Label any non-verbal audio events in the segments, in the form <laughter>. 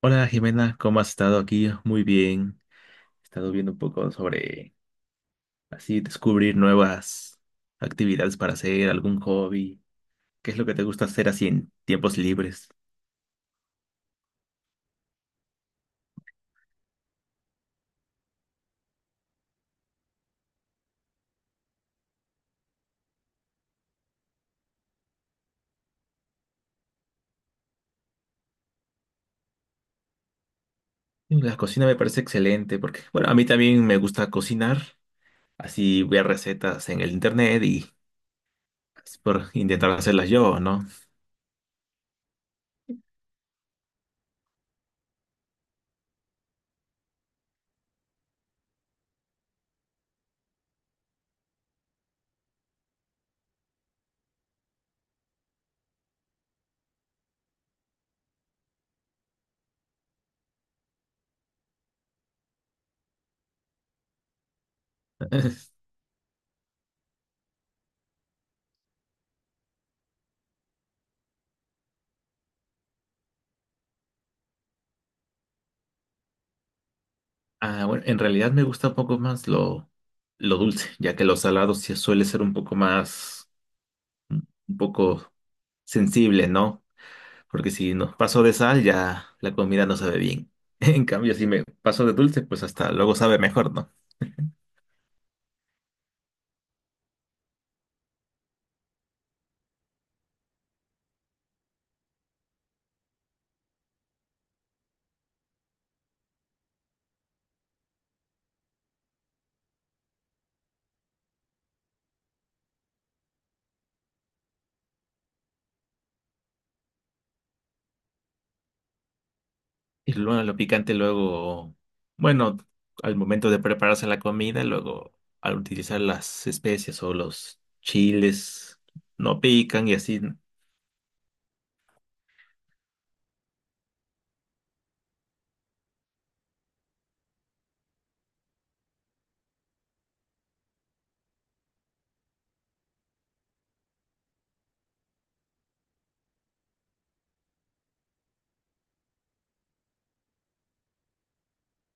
Hola Jimena, ¿cómo has estado aquí? Muy bien. He estado viendo un poco sobre así descubrir nuevas actividades para hacer, algún hobby. ¿Qué es lo que te gusta hacer así en tiempos libres? La cocina me parece excelente porque, bueno, a mí también me gusta cocinar. Así ver recetas en el internet y es por intentar hacerlas yo, ¿no? <laughs> Ah, bueno, en realidad me gusta un poco más lo dulce, ya que los salados sí suele ser un poco más, un poco sensible, ¿no? Porque si nos paso de sal, ya la comida no sabe bien. <laughs> En cambio, si me paso de dulce, pues hasta luego sabe mejor, ¿no? Y luego lo picante, luego, bueno, al momento de prepararse la comida, luego al utilizar las especias o los chiles, no pican y así.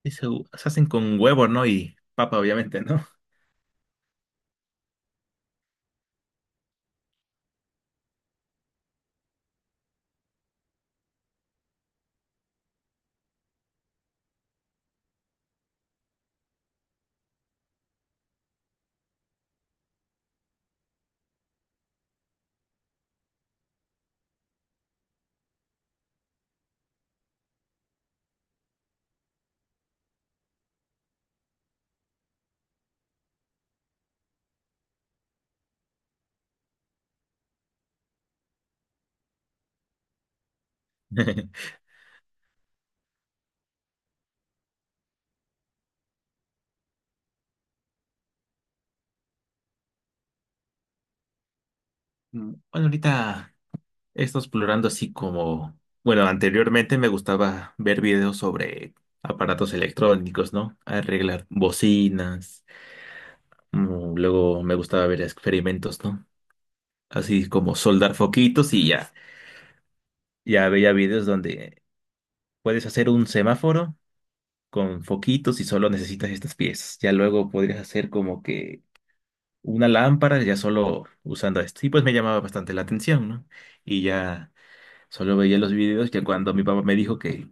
Y se hacen con huevo, ¿no? Y papa, obviamente, ¿no? <laughs> Bueno, ahorita he estado explorando así como, bueno, anteriormente me gustaba ver videos sobre aparatos electrónicos, ¿no? Arreglar bocinas, luego me gustaba ver experimentos, ¿no? Así como soldar foquitos y ya, ya veía videos donde puedes hacer un semáforo con foquitos y solo necesitas estas piezas. Ya luego podrías hacer como que una lámpara ya solo usando esto. Y pues me llamaba bastante la atención, ¿no? Y ya solo veía los videos que cuando mi papá me dijo que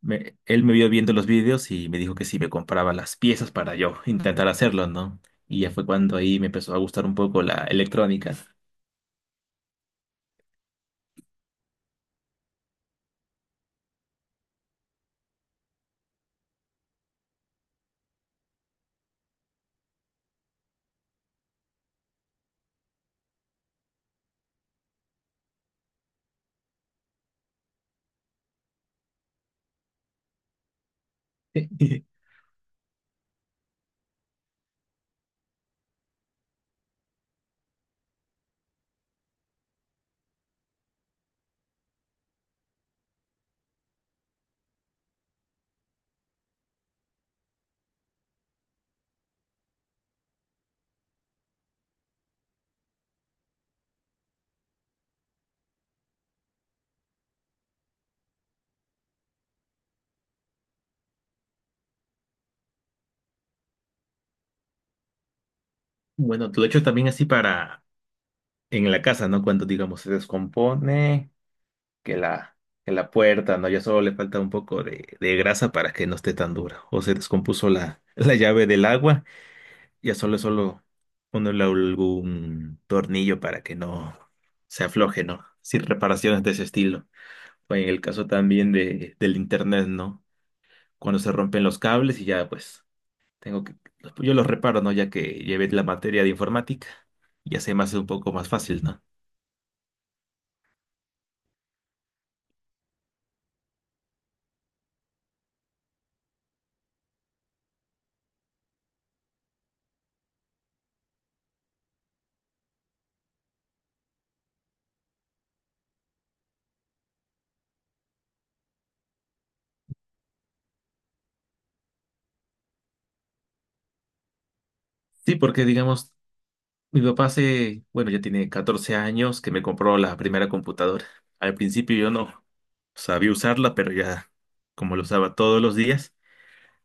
él me vio viendo los vídeos y me dijo que si me compraba las piezas para yo intentar hacerlo, ¿no? Y ya fue cuando ahí me empezó a gustar un poco la electrónica. <laughs> Bueno, tú lo hecho también así para en la casa, ¿no? Cuando, digamos, se descompone, que la, que la puerta, ¿no? Ya solo le falta un poco de grasa para que no esté tan dura. O se descompuso la, <laughs> la llave del agua, ya solo ponerle algún tornillo para que no se afloje, ¿no? Sin reparaciones de ese estilo. O en el caso también del internet, ¿no? Cuando se rompen los cables y ya, pues, tengo que, yo los reparo, ¿no? Ya que llevé la materia de informática, ya se me hace un poco más fácil, ¿no? Sí, porque digamos, mi papá hace, bueno, ya tiene 14 años que me compró la primera computadora. Al principio yo no sabía usarla, pero ya, como lo usaba todos los días,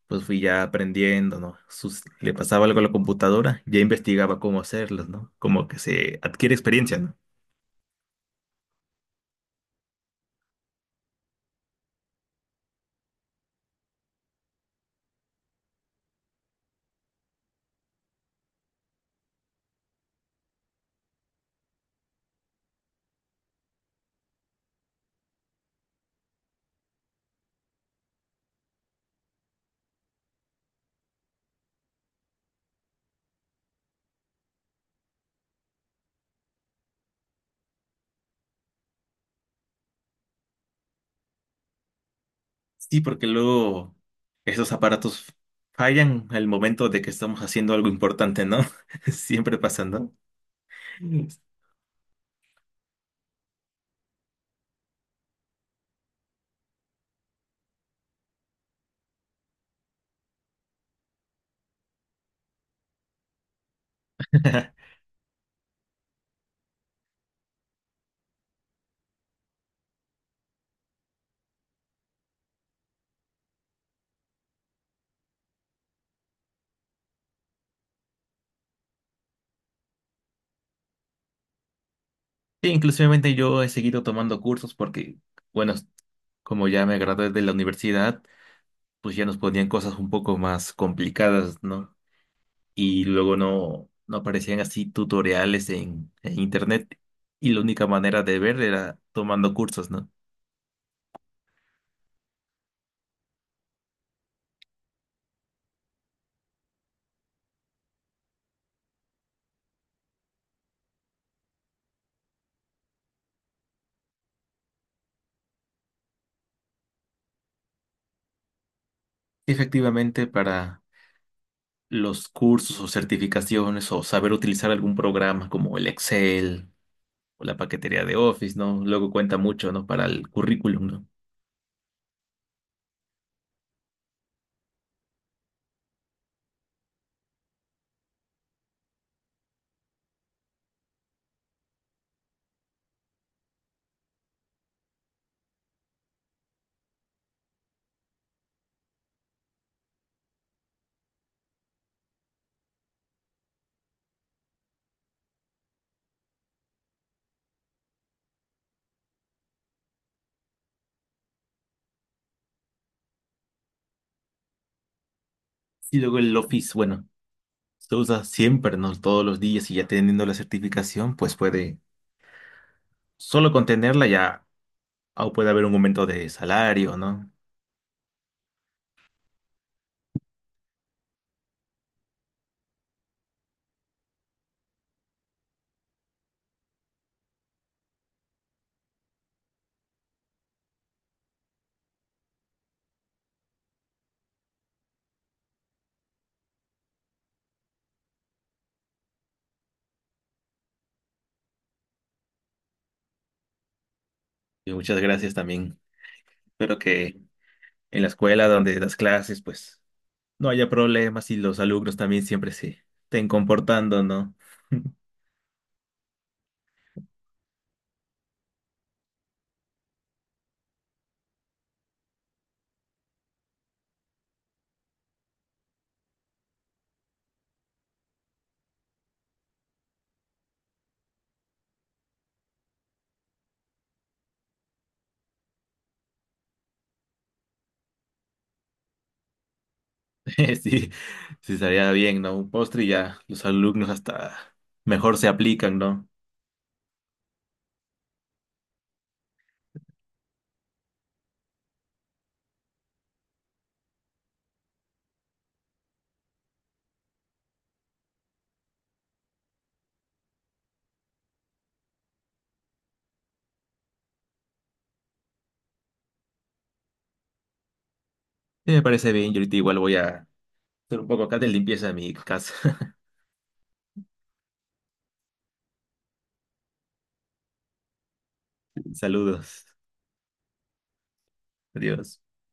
pues fui ya aprendiendo, ¿no? Le pasaba algo a la computadora, ya investigaba cómo hacerlas, ¿no? Como que se adquiere experiencia, ¿no? Sí, porque luego esos aparatos fallan al momento de que estamos haciendo algo importante, ¿no? <laughs> Siempre pasando. <laughs> Sí, inclusivemente yo he seguido tomando cursos porque, bueno, como ya me gradué de la universidad, pues ya nos ponían cosas un poco más complicadas, ¿no? Y luego no aparecían así tutoriales en internet y la única manera de ver era tomando cursos, ¿no? Sí, efectivamente, para los cursos o certificaciones o saber utilizar algún programa como el Excel o la paquetería de Office, ¿no? Luego cuenta mucho, ¿no? Para el currículum, ¿no? Y luego el Office, bueno, se usa siempre, ¿no? Todos los días y ya teniendo la certificación, pues puede, solo con tenerla ya o puede haber un aumento de salario, ¿no? Y muchas gracias también. Espero que en la escuela donde das clases, pues no haya problemas y los alumnos también siempre se estén comportando, ¿no? <laughs> <laughs> Sí, sí estaría bien, ¿no? Un postre y ya los alumnos hasta mejor se aplican, ¿no? Sí, me parece bien. Yo ahorita igual voy a hacer un poco acá de limpieza de mi casa. <laughs> Saludos. Adiós.